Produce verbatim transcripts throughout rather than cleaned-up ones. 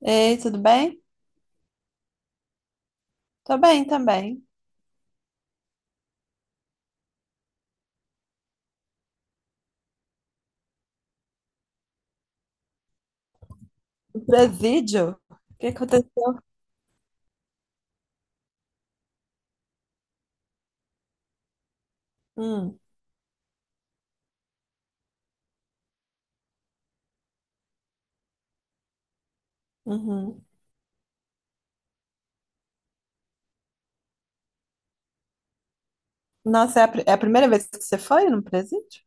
Ei, tudo bem? Tô bem também. O presídio? O que aconteceu? Hum, uhum. Nossa, é a, pri- é a primeira vez que você foi no presídio?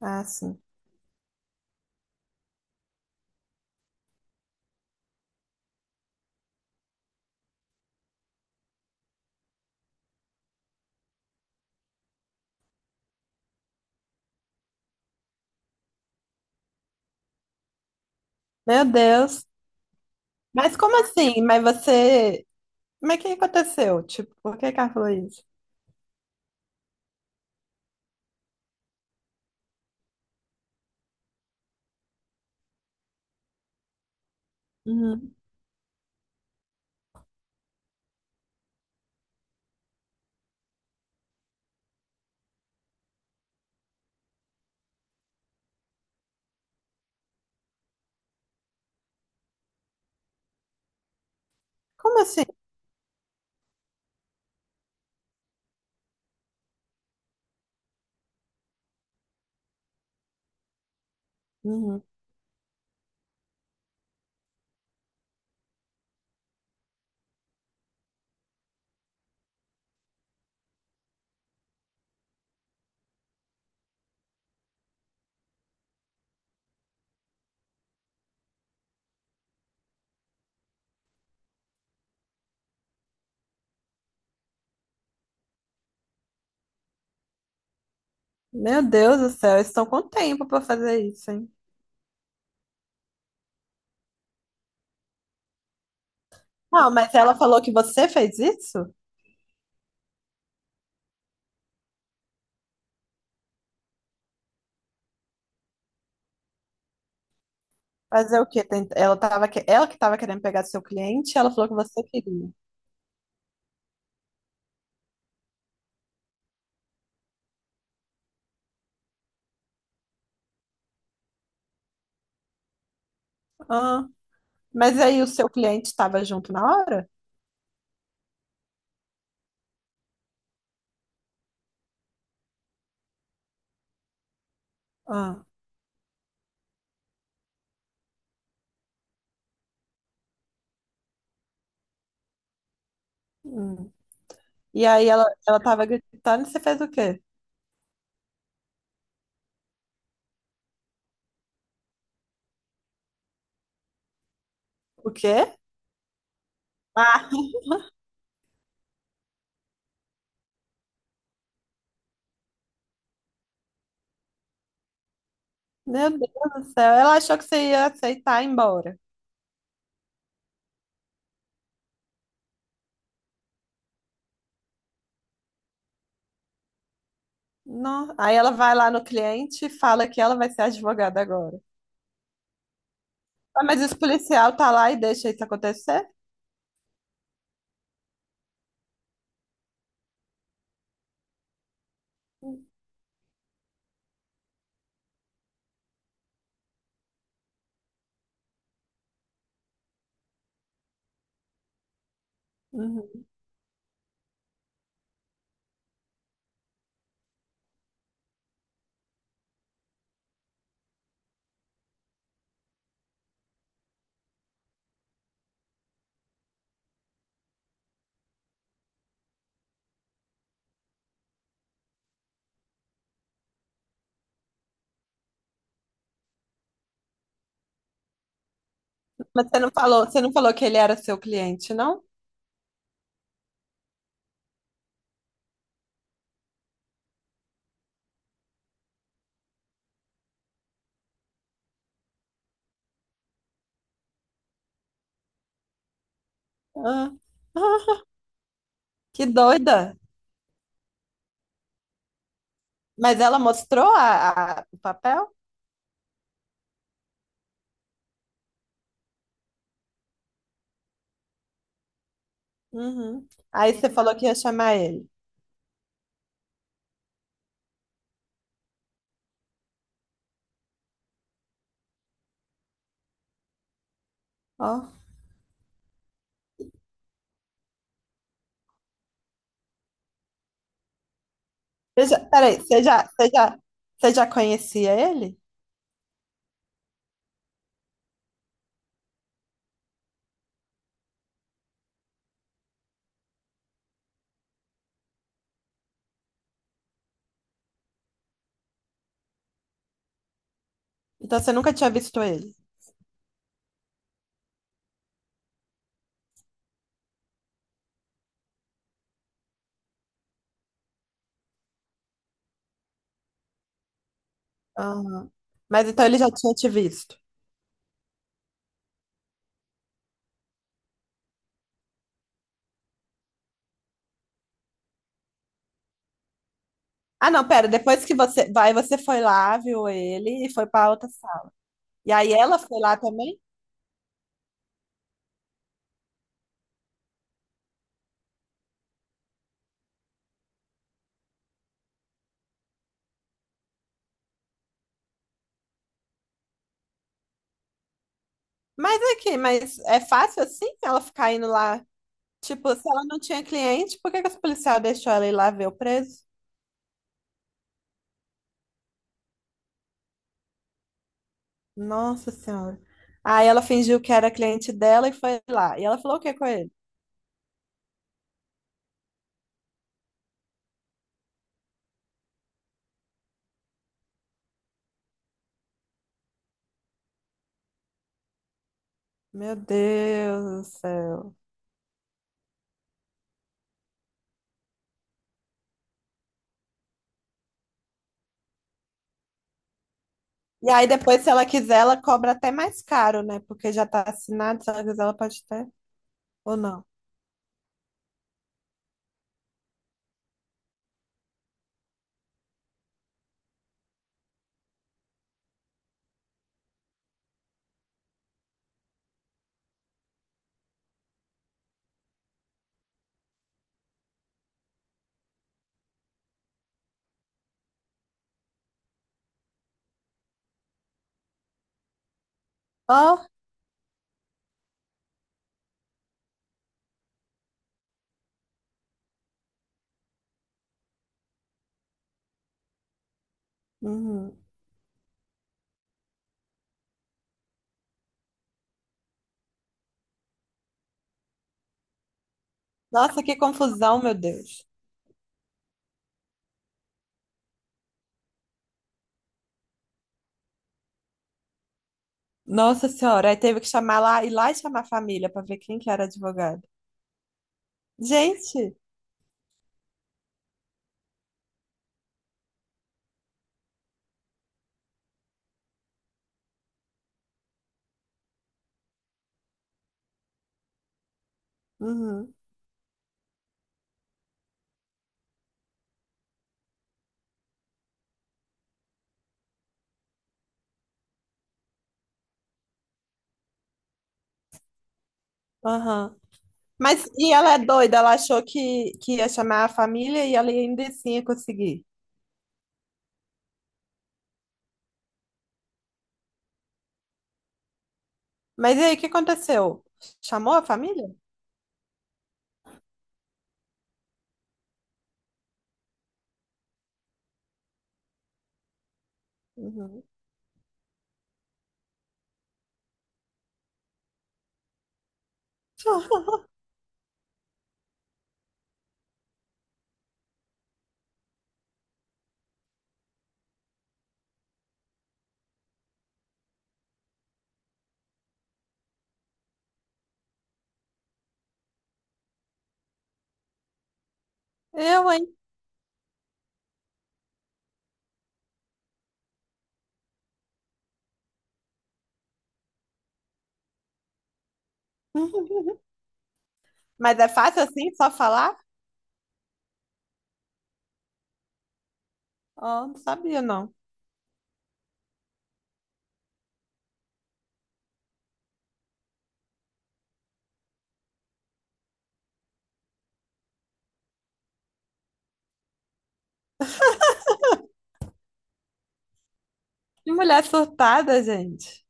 Ah, sim. Meu Deus. Mas como assim? Mas você. Mas o que aconteceu? Tipo, por que que ela falou isso? Uhum. Como assim? Uhum. Meu Deus do céu, eles estão com tempo pra fazer isso, hein? Não, mas ela falou que você fez isso? Fazer o quê? Tent- Ela tava que... ela que tava querendo pegar seu cliente, ela falou que você queria. Ah. Mas aí o seu cliente estava junto na hora? Ah, hum. E aí ela, ela tava gritando e você fez o quê? O quê? Ah, meu Deus do céu. Ela achou que você ia aceitar ir embora. Não. Aí ela vai lá no cliente e fala que ela vai ser advogada agora. Ah, mas esse policial tá lá e deixa isso acontecer? Uhum. Mas você não falou, você não falou que ele era seu cliente, não? Ah, ah, que doida. Mas ela mostrou a, a- o papel? Uhum. Aí você falou que ia chamar ele. Ó. Você já- Peraí, você já, você já, você já conhecia ele? Então você nunca tinha visto ele? Ah, mas então ele já tinha te visto. Ah, não, pera, depois que você vai, você foi lá, viu ele e foi pra outra sala. E aí ela foi lá também? Mas aqui, mas é fácil assim ela ficar indo lá? Tipo, se ela não tinha cliente, por que que os policiais deixou ela ir lá ver o preso? Nossa Senhora. Aí ela fingiu que era cliente dela e foi lá. E ela falou o que com ele? Meu Deus do céu. E aí depois, se ela quiser, ela cobra até mais caro, né? Porque já tá assinado, se ela quiser, ela pode ter, ou não. Ó, uhum. Nossa, que confusão, meu Deus. Nossa Senhora, aí teve que chamar lá, ir lá e chamar a família pra ver quem que era advogado. Gente, uhum, aham. Mas, e ela é doida, ela achou que, que ia chamar a família e ela ainda assim ia conseguir. Mas e aí, o que aconteceu? Chamou a família? Uhum. Eu, hein? Mas é fácil assim, só falar? Ó, não sabia, não. Que mulher surtada, gente.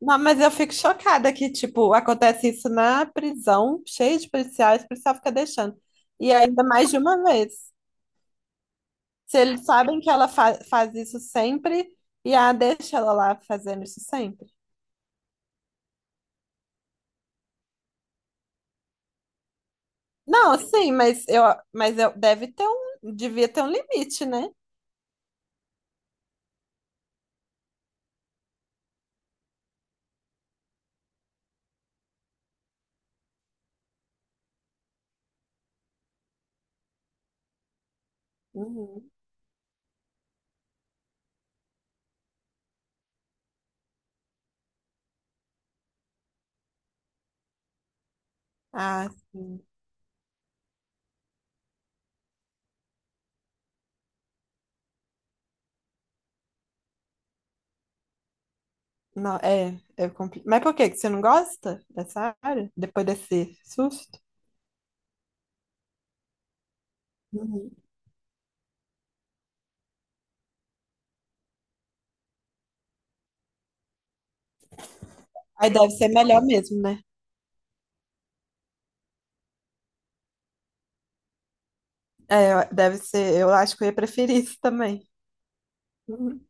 Não, mas eu fico chocada que, tipo, acontece isso na prisão, cheio de policiais, o policial fica deixando. E ainda mais de uma vez. Se eles sabem que ela fa- faz isso sempre, e a deixa ela lá fazendo isso sempre. Não, sim, mas eu, mas eu deve ter um, devia ter um limite, né? Uhum. Ah, sim. Não, é, é compli... Mas por que que você não gosta dessa área? Depois desse susto? Uhum. Aí deve ser melhor mesmo, né? É, deve ser. Eu acho que eu ia preferir isso também. Uhum.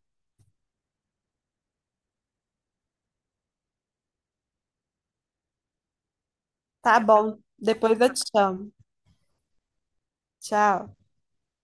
Tá bom. Depois eu te chamo. Tchau.